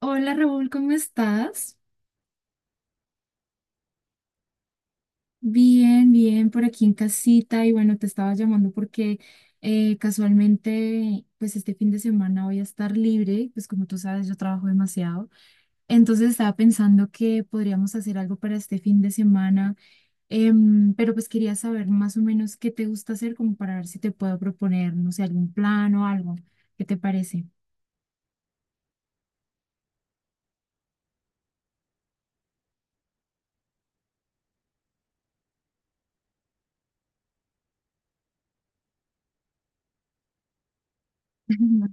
Hola Raúl, ¿cómo estás? Bien, bien, por aquí en casita y bueno, te estaba llamando porque casualmente pues este fin de semana voy a estar libre, pues como tú sabes yo trabajo demasiado, entonces estaba pensando que podríamos hacer algo para este fin de semana, pero pues quería saber más o menos qué te gusta hacer como para ver si te puedo proponer, no sé, algún plan o algo, ¿qué te parece?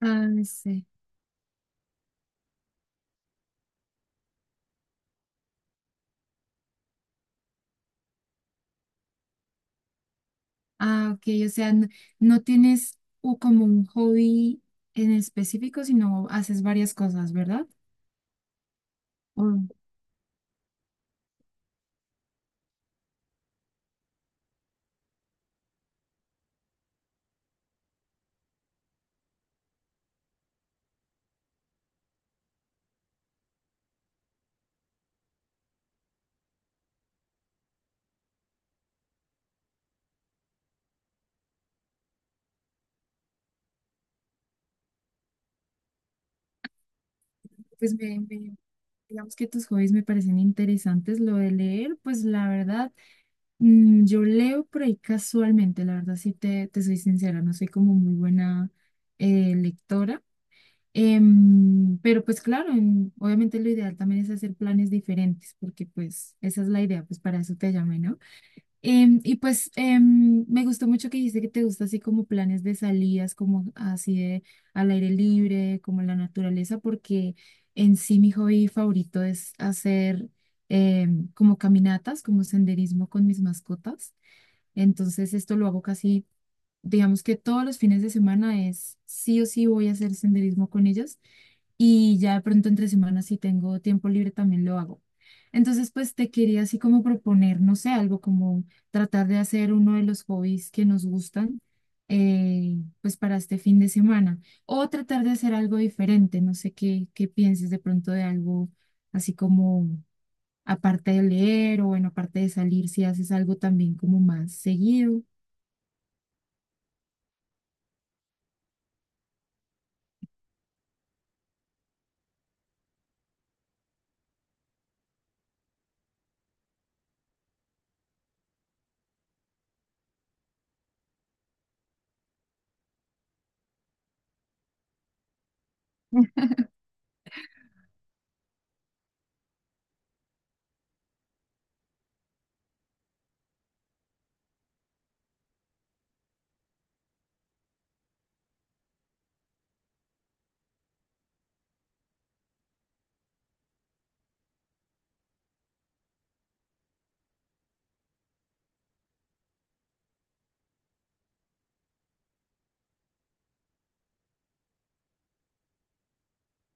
Ah, sí. Ah, ok, o sea, no, no tienes como un hobby en específico, sino haces varias cosas, ¿verdad? Mm. Pues digamos que tus hobbies me parecen interesantes. Lo de leer, pues la verdad, yo leo por ahí casualmente, la verdad, sí te soy sincera, no soy como muy buena lectora. Pero pues claro, obviamente lo ideal también es hacer planes diferentes, porque pues esa es la idea, pues para eso te llamé, ¿no? Y pues me gustó mucho que dijiste que te gusta así como planes de salidas, como así de al aire libre, como en la naturaleza, porque en sí mi hobby favorito es hacer como caminatas, como senderismo con mis mascotas. Entonces esto lo hago casi, digamos que todos los fines de semana es sí o sí voy a hacer senderismo con ellas y ya de pronto entre semanas si tengo tiempo libre también lo hago. Entonces, pues te quería así como proponer, no sé, algo como tratar de hacer uno de los hobbies que nos gustan, pues para este fin de semana, o tratar de hacer algo diferente, no sé qué, qué pienses de pronto de algo así como aparte de leer o bueno, aparte de salir, si haces algo también como más seguido.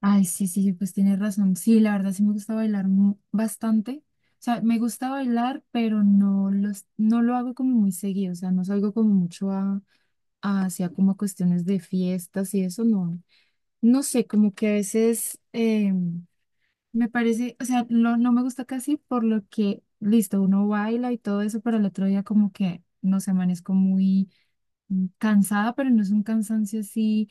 Ay, sí, sí, pues tienes razón. Sí, la verdad sí me gusta bailar bastante. O sea, me gusta bailar, pero no los, no lo hago como muy seguido. O sea, no salgo como mucho a, hacia como cuestiones de fiestas y eso, no. No sé, como que a veces me parece, o sea, no, no me gusta casi por lo que, listo, uno baila y todo eso, pero el otro día como que, no sé, amanezco muy cansada, pero no es un cansancio así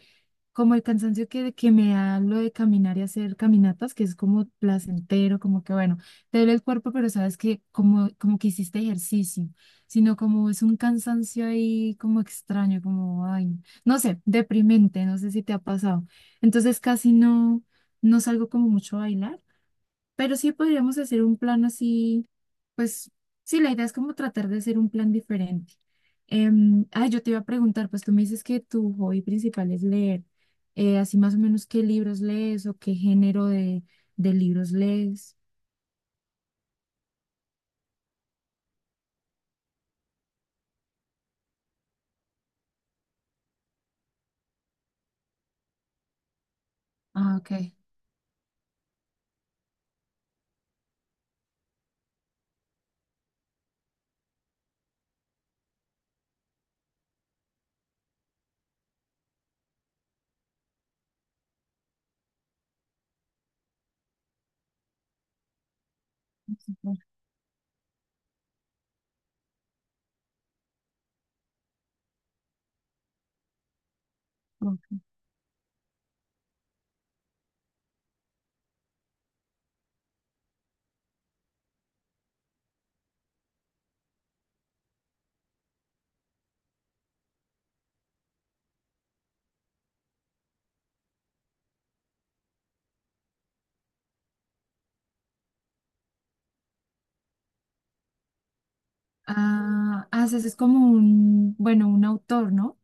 como el cansancio que me da lo de caminar y hacer caminatas, que es como placentero, como que bueno, te duele el cuerpo, pero sabes que como, como que hiciste ejercicio, sino como es un cansancio ahí como extraño, como, ay, no sé, deprimente, no sé si te ha pasado. Entonces casi no, no salgo como mucho a bailar pero sí podríamos hacer un plan así, pues sí, la idea es como tratar de hacer un plan diferente. Ah, yo te iba a preguntar, pues tú me dices que tu hobby principal es leer. Así más o menos qué libros lees o qué género de libros lees. Ah, ok. Ok. Ah, haces es como un, bueno, un autor, ¿no?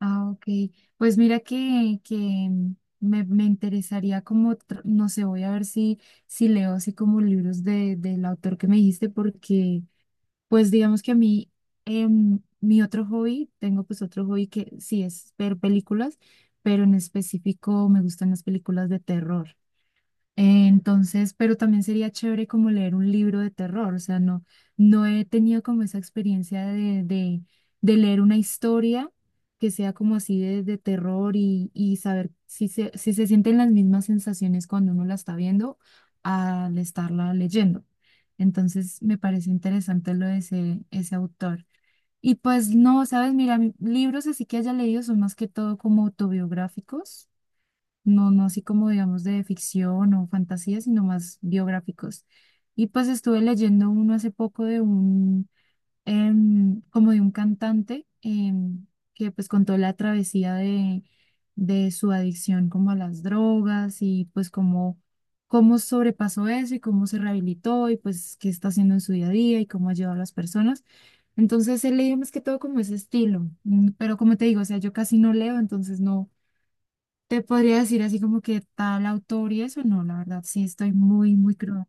Ah, ok. Pues mira que me interesaría como, no sé, voy a ver si, si leo así como libros de, del autor que me dijiste, porque pues digamos que a mí, mi otro hobby, tengo pues otro hobby que sí es ver películas, pero en específico me gustan las películas de terror. Entonces, pero también sería chévere como leer un libro de terror, o sea, no, no he tenido como esa experiencia de leer una historia que sea como así de terror y saber si se, si se sienten las mismas sensaciones cuando uno la está viendo al estarla leyendo. Entonces, me parece interesante lo de ese, ese autor. Y pues no, sabes, mira, libros así que haya leído son más que todo como autobiográficos no, no así como digamos de ficción o fantasía, sino más biográficos. Y pues estuve leyendo uno hace poco de un, como de un cantante que pues contó la travesía de su adicción como a las drogas y pues cómo, cómo sobrepasó eso y cómo se rehabilitó y pues qué está haciendo en su día a día y cómo ayuda a las personas. Entonces he leído más que todo como ese estilo, pero como te digo, o sea, yo casi no leo, entonces no. Te podría decir así como que tal autor y eso, no, la verdad, sí estoy muy, muy cruda.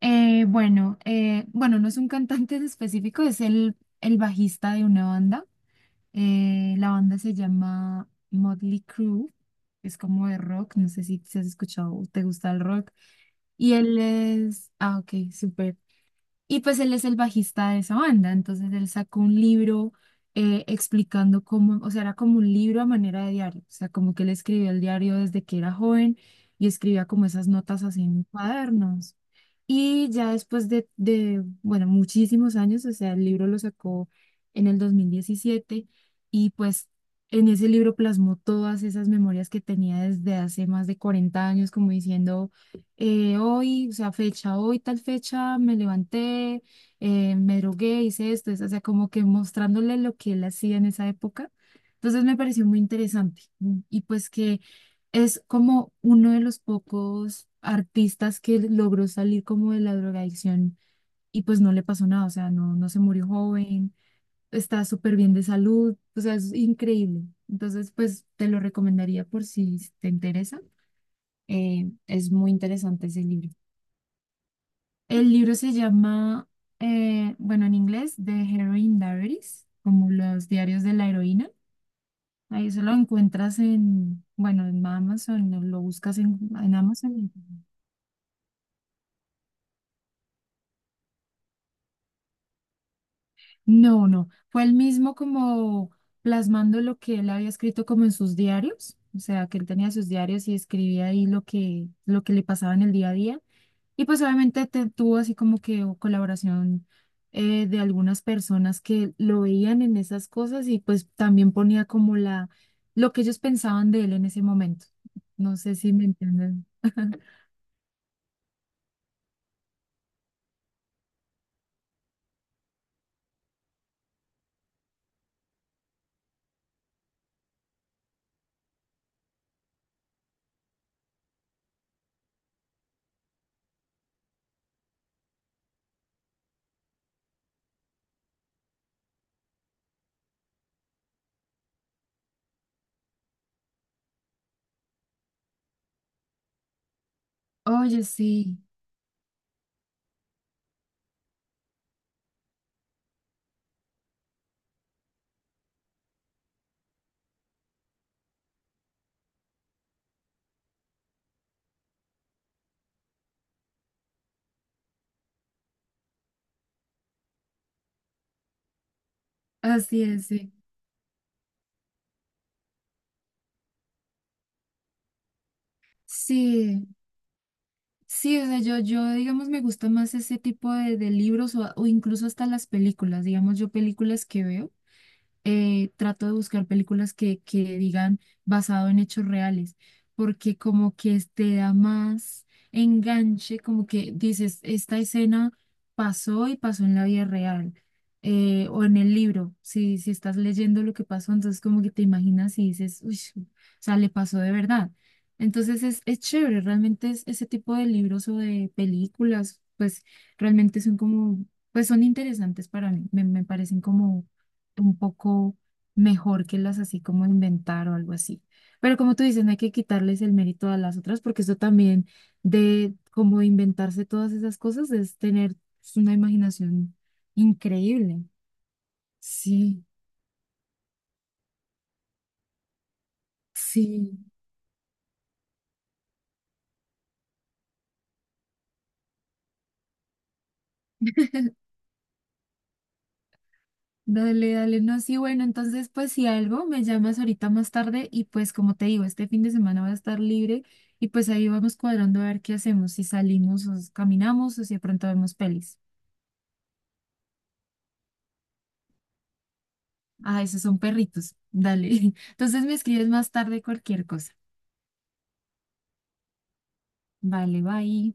Bueno, bueno, no es un cantante en específico, es el bajista de una banda. La banda se llama Motley Crue, es como de rock, no sé si, si has escuchado, o te gusta el rock. Y él es, ah, ok, súper. Y pues él es el bajista de esa banda, entonces él sacó un libro explicando cómo, o sea, era como un libro a manera de diario, o sea, como que él escribió el diario desde que era joven y escribía como esas notas así en cuadernos. Y ya después de, bueno, muchísimos años, o sea, el libro lo sacó en el 2017 y pues en ese libro plasmó todas esas memorias que tenía desde hace más de 40 años, como diciendo hoy, o sea, fecha, hoy tal fecha me levanté, me drogué, hice esto, eso, o sea, como que mostrándole lo que él hacía en esa época. Entonces me pareció muy interesante y pues que es como uno de los pocos artistas que logró salir como de la drogadicción y pues no le pasó nada, o sea, no, no se murió joven, está súper bien de salud, o sea, es increíble. Entonces, pues te lo recomendaría por si te interesa. Es muy interesante ese libro. El libro se llama, bueno, en inglés, The Heroine Diaries, como los diarios de la heroína. Ahí eso lo encuentras en, bueno, en Amazon, lo buscas en Amazon. No, no, fue el mismo como plasmando lo que él había escrito como en sus diarios, o sea, que él tenía sus diarios y escribía ahí lo que le pasaba en el día a día. Y pues obviamente tuvo así como que o colaboración de algunas personas que lo veían en esas cosas y pues también ponía como la, lo que ellos pensaban de él en ese momento. No sé si me entienden. Oye, sí, así es, sí. Sí, sí, o sea, yo, digamos, me gusta más ese tipo de libros o incluso hasta las películas, digamos, yo películas que veo. Eh, trato de buscar películas que digan basado en hechos reales, porque como que te da más enganche, como que dices, esta escena pasó y pasó en la vida real, o en el libro, si, si estás leyendo lo que pasó, entonces como que te imaginas y dices, uy, o sea, le pasó de verdad. Entonces es chévere, realmente es, ese tipo de libros o de películas, pues realmente son como, pues son interesantes para mí, me parecen como un poco mejor que las así como inventar o algo así. Pero como tú dices, no hay que quitarles el mérito a las otras porque eso también de como inventarse todas esas cosas es tener pues, una imaginación increíble. Sí, sí. Dale, dale, no, sí, bueno, entonces pues si algo me llamas ahorita más tarde y pues como te digo, este fin de semana va a estar libre y pues ahí vamos cuadrando a ver qué hacemos, si salimos o caminamos o si de pronto vemos pelis. Ah, esos son perritos. Dale. Entonces me escribes más tarde cualquier cosa. Vale, bye.